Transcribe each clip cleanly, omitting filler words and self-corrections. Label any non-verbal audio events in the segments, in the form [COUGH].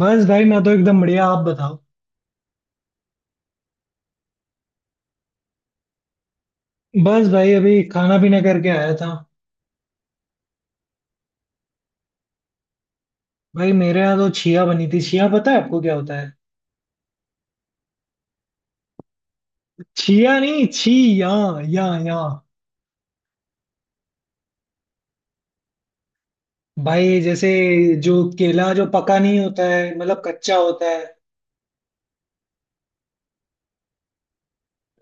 बस भाई, मैं तो एकदम बढ़िया। आप बताओ। बस भाई अभी खाना पीना करके आया था। भाई मेरे यहाँ तो छिया बनी थी। छिया पता है आपको क्या होता है? छिया नहीं, छी या या या। भाई जैसे, जो केला जो पका नहीं होता है मतलब कच्चा होता है।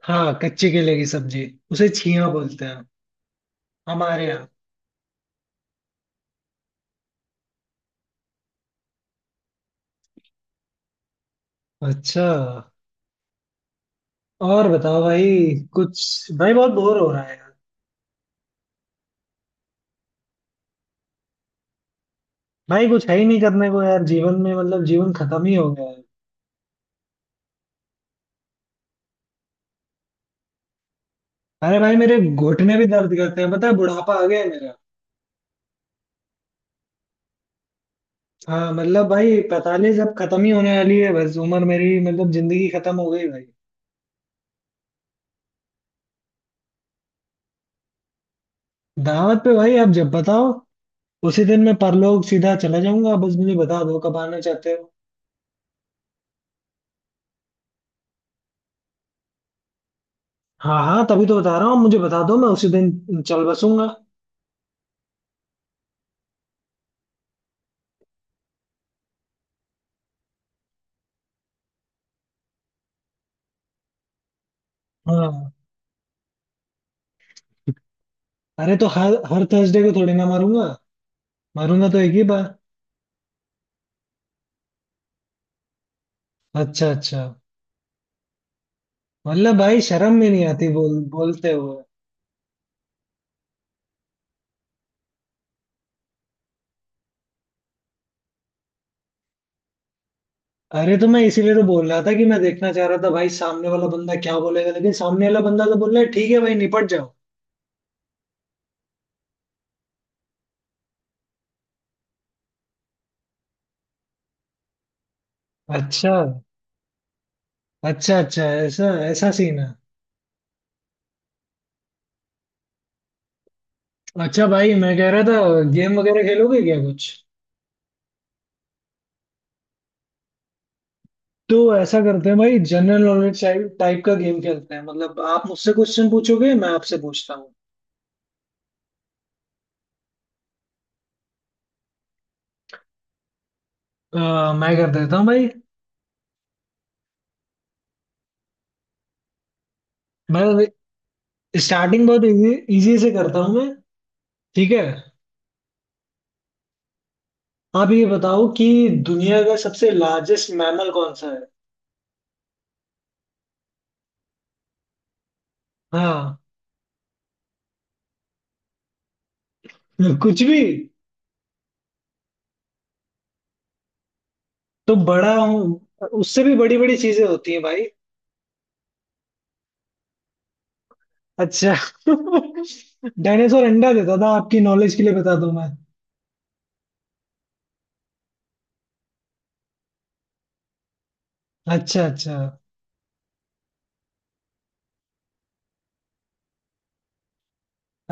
हाँ, कच्चे केले की सब्जी उसे छिया बोलते हैं हमारे यहाँ। अच्छा। और बताओ भाई। कुछ भाई, बहुत बोर हो रहा है यार। भाई कुछ है ही नहीं करने को यार, जीवन में, मतलब जीवन खत्म ही हो गया है। अरे भाई मेरे घुटने भी दर्द करते हैं, पता है, बुढ़ापा आ गया है मेरा। हाँ मतलब भाई 45, अब खत्म ही होने वाली है बस उम्र मेरी, मतलब जिंदगी खत्म हो गई भाई। दावत पे भाई आप जब बताओ। उसी दिन मैं परलोक सीधा चला जाऊंगा, बस मुझे बता दो कब आना चाहते हो। हाँ हाँ, तभी तो बता रहा हूँ। मुझे बता दो, मैं उसी दिन चल बसूंगा। हाँ। अरे तो हर हर थर्सडे को थोड़ी ना मारूंगा। मारूंगा तो एक ही बार। अच्छा अच्छा। मतलब भाई, शर्म में नहीं आती बोल बोलते हो। अरे तो मैं इसीलिए तो बोल रहा था कि मैं देखना चाह रहा था भाई सामने वाला बंदा क्या बोलेगा, लेकिन सामने वाला बंदा तो बोल रहा है ठीक है भाई निपट जाओ। अच्छा। अच्छा अच्छा, ऐसा ऐसा सीन है। अच्छा भाई मैं कह रहा था, गेम वगैरह खेलोगे क्या कुछ? तो ऐसा करते हैं भाई, जनरल नॉलेज टाइप टाइप का गेम खेलते हैं। मतलब आप मुझसे क्वेश्चन पूछोगे, मैं आपसे पूछता हूँ। मैं कर देता हूँ भाई। मैं स्टार्टिंग बहुत इजी, इजी से करता हूँ मैं। ठीक है। आप ये बताओ कि दुनिया का सबसे लार्जेस्ट मैमल कौन सा है? हाँ। कुछ भी? तो बड़ा हूँ, उससे भी बड़ी बड़ी चीजें होती हैं भाई। अच्छा। [LAUGHS] डायनासोर अंडा देता था, आपकी नॉलेज के लिए बता दूं मैं। अच्छा अच्छा।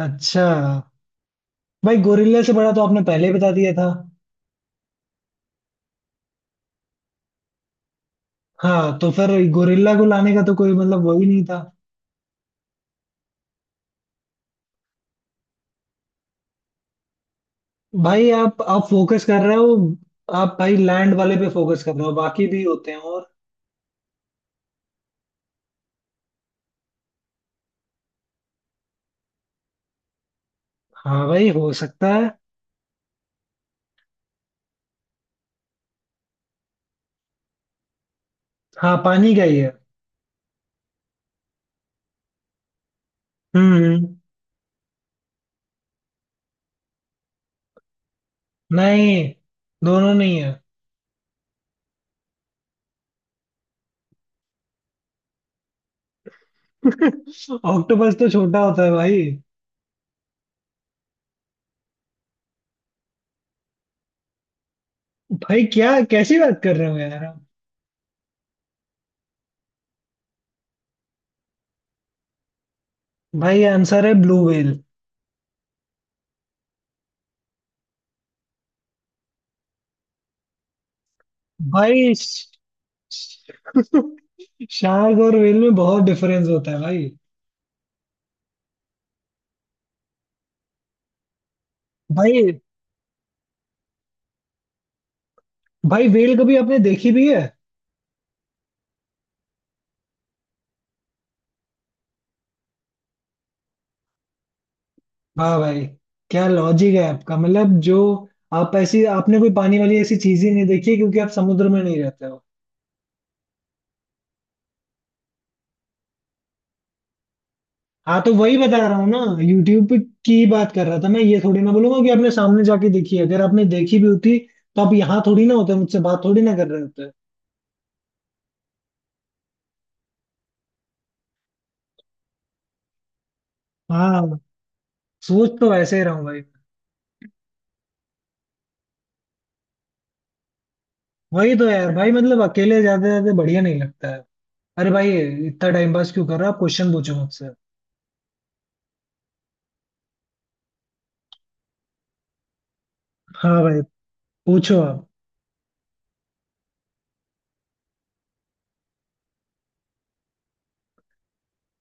अच्छा भाई, गोरिल्ला से बड़ा तो आपने पहले ही बता दिया था। हाँ तो फिर गोरिल्ला को लाने का तो कोई मतलब वही नहीं था। भाई आप फोकस कर रहे हो। आप भाई लैंड वाले पे फोकस कर रहे हो, बाकी भी होते हैं और। हाँ भाई हो सकता है। हाँ पानी का ही है। हम्म। नहीं, दोनों नहीं है। ऑक्टोपस तो छोटा होता है भाई। भाई क्या, कैसी बात कर रहे हो यार आप? भाई आंसर है ब्लू व्हेल। भाई शार्क और व्हेल में बहुत डिफरेंस होता है भाई भाई भाई व्हेल कभी आपने देखी भी है? वाह भाई, क्या लॉजिक है आपका, मतलब जो आप ऐसी, आपने कोई पानी वाली ऐसी चीज ही नहीं देखी है, क्योंकि आप समुद्र में नहीं रहते हो। हाँ तो वही बता रहा हूँ ना, यूट्यूब पे की बात कर रहा था मैं। ये थोड़ी ना बोलूंगा कि आपने सामने जाके देखी है। अगर आपने देखी भी होती तो आप यहाँ थोड़ी ना होते, मुझसे बात थोड़ी ना कर रहे होते। हाँ, सोच तो ऐसे ही रहा हूँ भाई। वही तो यार भाई, मतलब अकेले जाते जाते बढ़िया नहीं लगता है। अरे भाई इतना टाइम पास क्यों कर रहा आप, क्वेश्चन पूछो मुझसे। हाँ भाई, पूछो आप।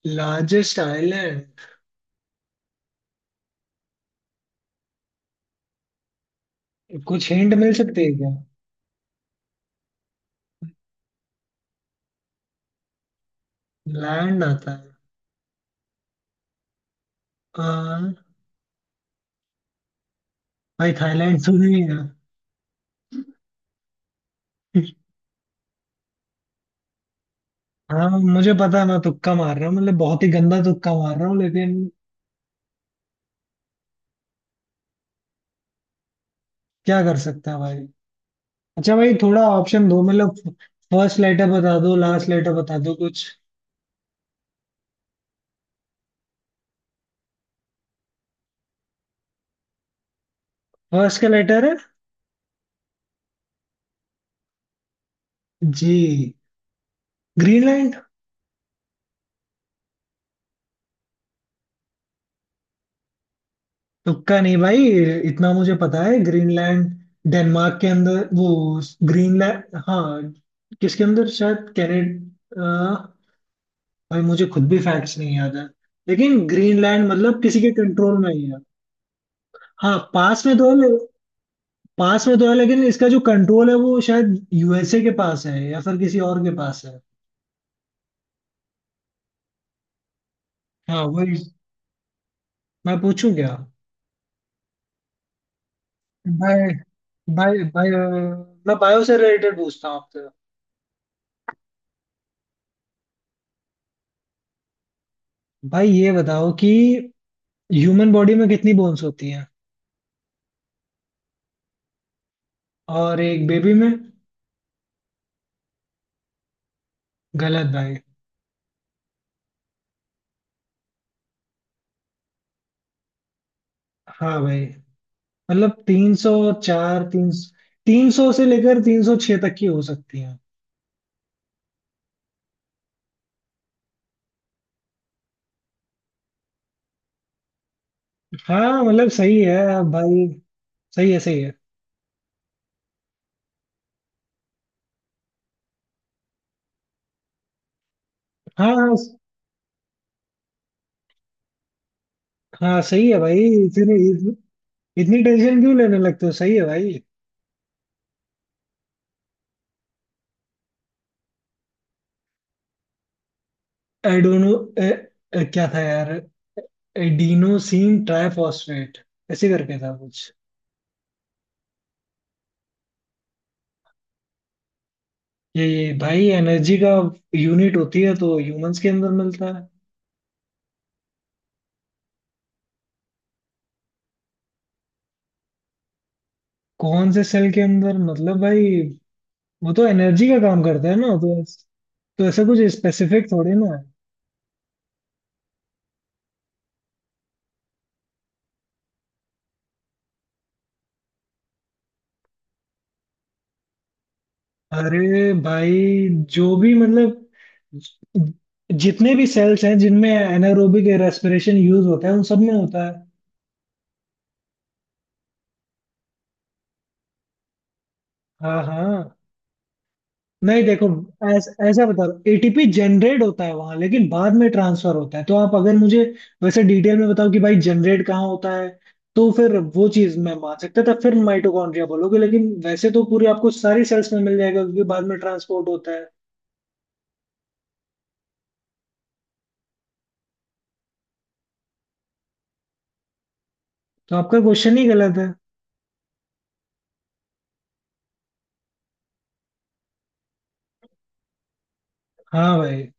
Largest island. कुछ हिंट मिल सकती है क्या? लैंड आता है। आ, भाई थाईलैंड तो नहीं है? हाँ मुझे पता है, मैं तुक्का मार रहा हूँ, मतलब बहुत ही गंदा तुक्का मार रहा हूँ, लेकिन क्या कर सकते हैं भाई। अच्छा भाई थोड़ा ऑप्शन दो मतलब, फर्स्ट लेटर बता दो, लास्ट लेटर बता दो कुछ। फर्स्ट का लेटर है जी। ग्रीनलैंड। तुक्का नहीं भाई, इतना मुझे पता है, ग्रीनलैंड डेनमार्क के अंदर, वो ग्रीनलैंड हाँ, किसके अंदर, शायद कनाडा। भाई मुझे खुद भी फैक्ट्स नहीं याद है, लेकिन ग्रीनलैंड मतलब किसी के कंट्रोल में ही है। हाँ पास में तो है। पास में तो है, लेकिन इसका जो कंट्रोल है वो शायद यूएसए के पास है या फिर किसी और के पास है। हाँ वही। मैं पूछूं क्या? बाय बाय बाय। मैं बायो से रिलेटेड पूछता हूँ आपसे। भाई ये बताओ कि ह्यूमन बॉडी में कितनी बोन्स होती हैं? और एक बेबी में? गलत भाई। हाँ भाई, मतलब 300 चार, तीन। 300 से लेकर 306 तक की हो सकती हैं। हाँ मतलब सही है भाई। सही है, सही है। हाँ हाँ। हाँ, सही है भाई। इतने, इतनी टेंशन क्यों लेने लगते हो? सही है भाई। एडोनो, ए, ए, क्या था यार, एडिनोसिन ट्राइफॉस्फेट, ऐसे करके था कुछ। ये भाई एनर्जी का यूनिट होती है, तो ह्यूमंस के अंदर मिलता है। कौन से सेल के अंदर, मतलब भाई, वो तो एनर्जी का काम करता है ना, तो तो ऐसा कुछ स्पेसिफिक थोड़ी ना है। अरे भाई, जो भी मतलब, ज- जितने भी सेल्स हैं जिनमें एनारोबिक रेस्पिरेशन यूज होता है उन सब में होता है। हाँ हाँ। नहीं देखो, ऐसा बता रहा हूँ, एटीपी जनरेट होता है वहां, लेकिन बाद में ट्रांसफर होता है। तो आप अगर मुझे वैसे डिटेल में बताओ कि भाई जनरेट कहाँ होता है, तो फिर वो चीज मैं मान सकता था, फिर माइटोकॉन्ड्रिया बोलोगे, लेकिन वैसे तो पूरी आपको सारी सेल्स में मिल जाएगा, क्योंकि बाद में ट्रांसपोर्ट होता है। तो आपका क्वेश्चन ही गलत है। हाँ भाई।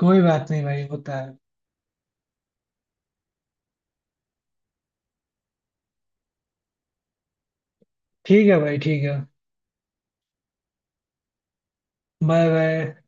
कोई बात नहीं भाई, होता है। ठीक है भाई, ठीक है। Bye bye.